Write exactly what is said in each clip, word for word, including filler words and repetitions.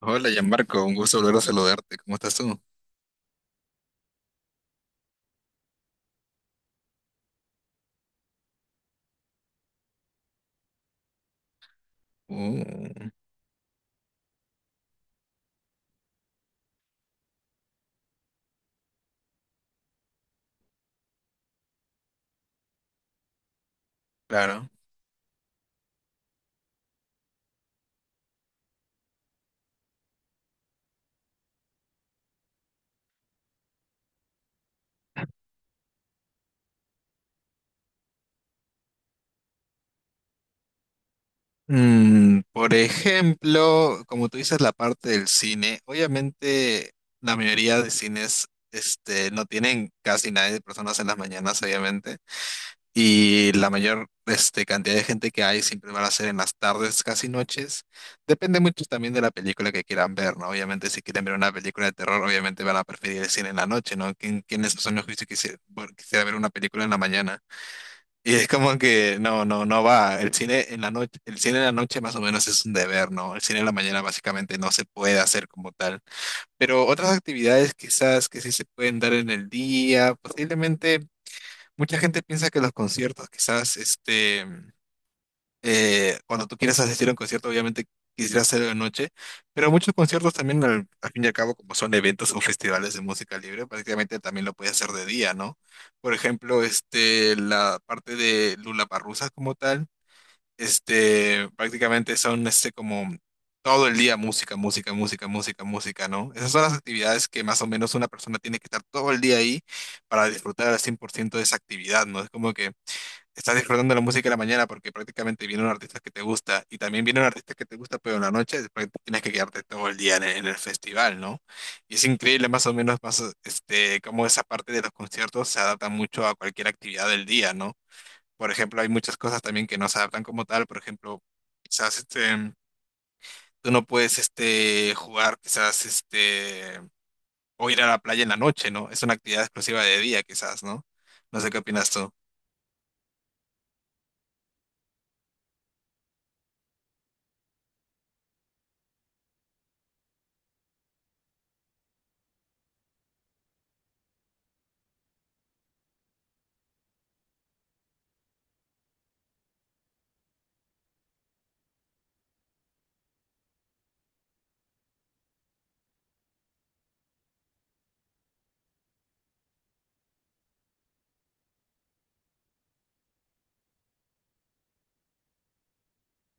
Hola, Gianmarco, un gusto volver a saludarte. ¿Cómo estás tú? Uh, claro. Mm, por ejemplo, como tú dices, la parte del cine, obviamente la mayoría de cines este, no tienen casi nadie de personas en las mañanas, obviamente, y la mayor este, cantidad de gente que hay siempre van a ser en las tardes, casi noches. Depende mucho también de la película que quieran ver, ¿no? Obviamente, si quieren ver una película de terror, obviamente van a preferir el cine en la noche, ¿no? ¿Quién, quién de esos son los juicios que quisiera, bueno, quisiera ver una película en la mañana? Y es como que no, no, no va. El cine en la noche, el cine en la noche más o menos es un deber, ¿no? El cine en la mañana básicamente no se puede hacer como tal. Pero otras actividades quizás que sí se pueden dar en el día, posiblemente mucha gente piensa que los conciertos quizás este eh, cuando tú quieres asistir a un concierto, obviamente quisieras hacerlo de noche, pero muchos conciertos también, al, al fin y al cabo, como son eventos o festivales de música libre, prácticamente también lo puedes hacer de día, ¿no? Por ejemplo, este, la parte de Lollapalooza como tal, este, prácticamente son este como todo el día música, música, música, música, música, ¿no? Esas son las actividades que más o menos una persona tiene que estar todo el día ahí para disfrutar al cien por ciento de esa actividad, ¿no? Es como que estás disfrutando la música en la mañana porque prácticamente viene un artista que te gusta y también viene un artista que te gusta, pero en la noche después tienes que quedarte todo el día en el, en el festival, ¿no? Y es increíble más o menos más, este, cómo esa parte de los conciertos se adapta mucho a cualquier actividad del día, ¿no? Por ejemplo, hay muchas cosas también que no se adaptan como tal, por ejemplo, quizás este, tú no puedes este, jugar, quizás este, o ir a la playa en la noche, ¿no? Es una actividad exclusiva de día, quizás, ¿no? No sé qué opinas tú.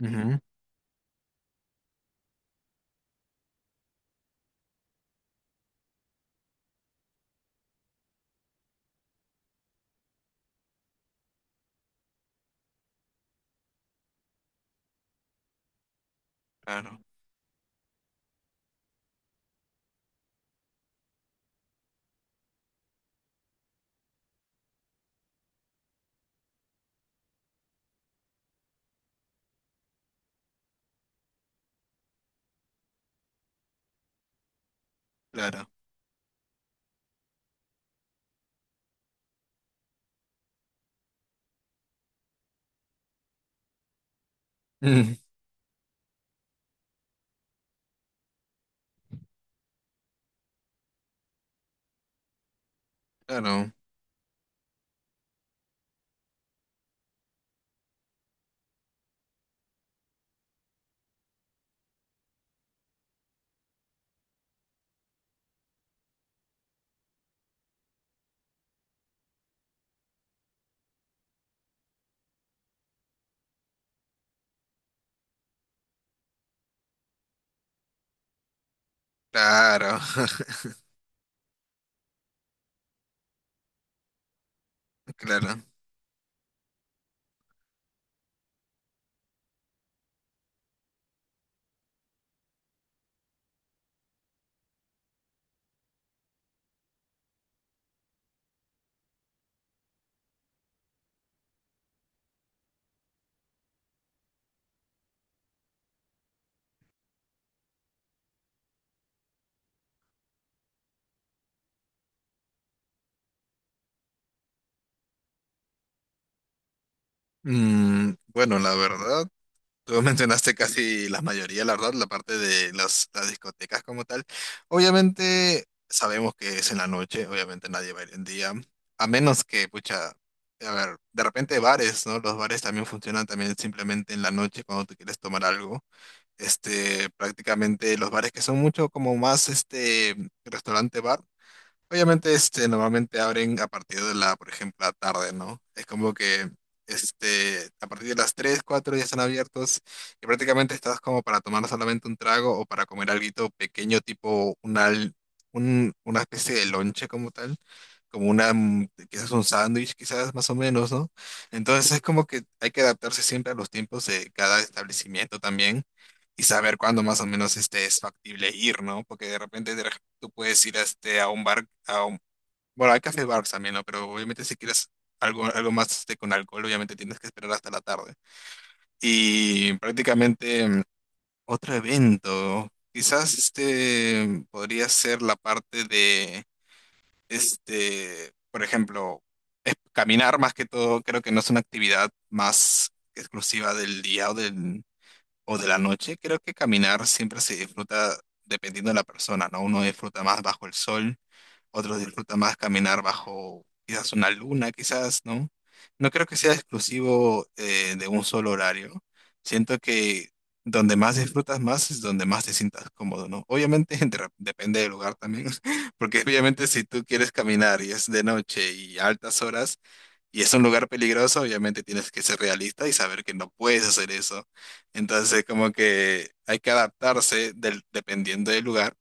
Ujú. Claro, claro. Claro, claro, claro. Mm, bueno, la verdad, tú mencionaste casi la mayoría, la verdad, la parte de las, las discotecas como tal. Obviamente sabemos que es en la noche, obviamente nadie va a ir en día, a menos que, pucha, a ver, de repente bares, ¿no? Los bares también funcionan también simplemente en la noche cuando tú quieres tomar algo. Este, prácticamente los bares que son mucho como más, este, restaurante bar. Obviamente, este, normalmente abren a partir de la, por ejemplo, la tarde, ¿no? Es como que, este, a partir de las tres cuatro ya están abiertos y prácticamente estás como para tomar solamente un trago o para comer algo pequeño, tipo una, l- un- una especie de lonche como tal, como una, mm, quizás un sándwich, quizás más o menos, ¿no? Entonces es como que hay que adaptarse siempre a los tiempos de cada establecimiento también y saber cuándo más o menos este es factible ir, ¿no? Porque de repente de re- tú puedes ir a, este, a un bar, a un, bueno, hay café bars también, ¿no? Pero obviamente si quieres algo, algo más este, con alcohol, obviamente tienes que esperar hasta la tarde. Y prácticamente mm, otro evento, quizás este podría ser la parte de, este, por ejemplo, caminar más que todo, creo que no es una actividad más exclusiva del día o del, o de la noche, creo que caminar siempre se disfruta dependiendo de la persona, ¿no? Uno disfruta más bajo el sol, otro disfruta más caminar bajo quizás una luna, quizás, ¿no? No creo que sea exclusivo eh, de un solo horario. Siento que donde más disfrutas más es donde más te sientas cómodo, ¿no? Obviamente entre- depende del lugar también, porque obviamente si tú quieres caminar y es de noche y a altas horas, y es un lugar peligroso, obviamente tienes que ser realista y saber que no puedes hacer eso. Entonces, como que hay que adaptarse del, dependiendo del lugar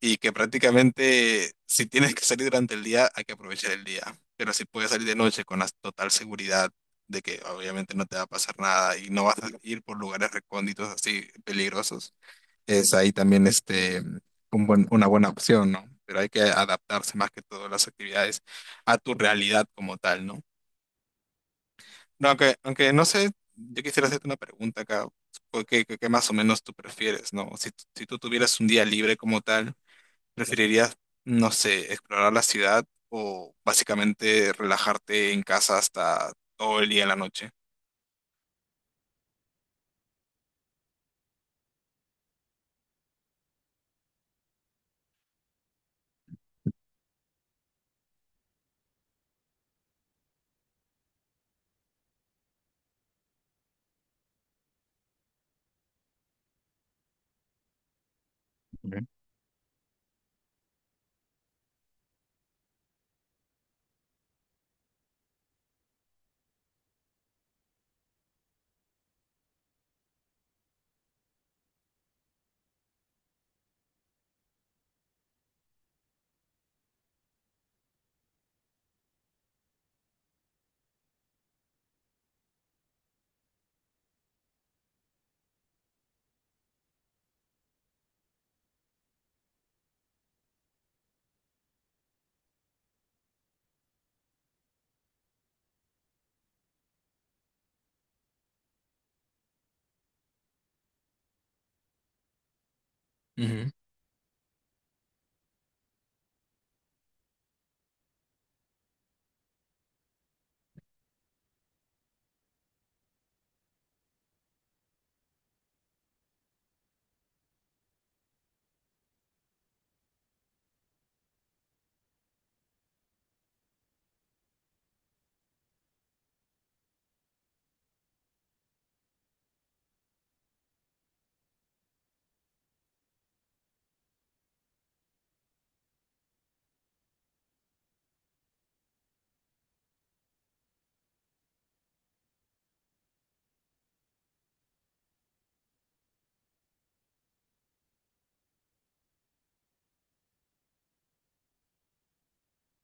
y que prácticamente si tienes que salir durante el día, hay que aprovechar el día. Pero si puedes salir de noche con la total seguridad de que obviamente no te va a pasar nada y no vas a ir por lugares recónditos así peligrosos, es ahí también este, un buen- una buena opción, ¿no? Pero hay que adaptarse más que todo las actividades a tu realidad como tal, ¿no? No, aunque, aunque no sé, yo quisiera hacerte una pregunta acá, porque que, que más o menos tú prefieres, ¿no? Si, tú- si tú tuvieras un día libre como tal, ¿preferirías, no sé, explorar la ciudad o básicamente relajarte en casa hasta todo el día en la noche? Ujú.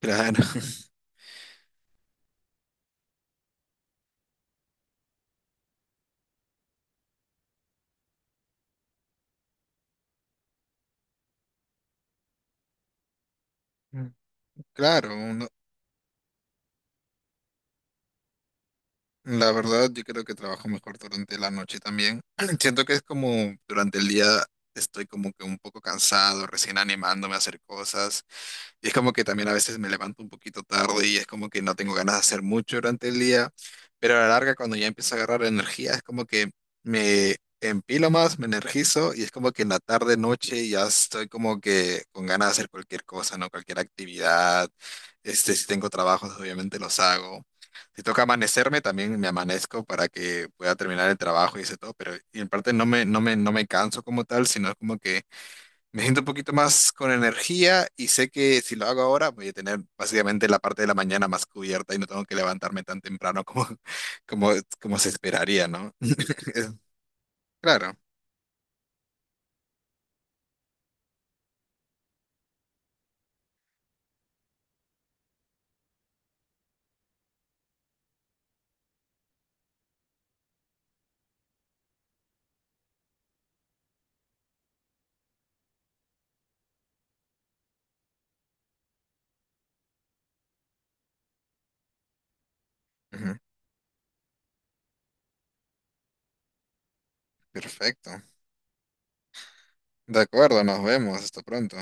Claro. Mm. Claro, uno- la verdad yo creo que trabajo mejor durante la noche también. Siento que es como durante el día estoy como que un poco cansado, recién animándome a hacer cosas. Y es como que también a veces me levanto un poquito tarde y es como que no tengo ganas de hacer mucho durante el día, pero a la larga cuando ya empiezo a agarrar energía es como que me empilo más, me energizo y es como que en la tarde, noche ya estoy como que con ganas de hacer cualquier cosa, ¿no? Cualquier actividad, este, si tengo trabajos obviamente los hago. Si toca amanecerme, también me amanezco para que pueda terminar el trabajo y ese todo, pero y en parte no me, no me, no me canso como tal, sino como que me siento un poquito más con energía y sé que si lo hago ahora voy a tener básicamente la parte de la mañana más cubierta y no tengo que levantarme tan temprano como, como, como se esperaría, ¿no? Es- Claro. Ujú. Perfecto. De acuerdo, nos vemos. Hasta pronto.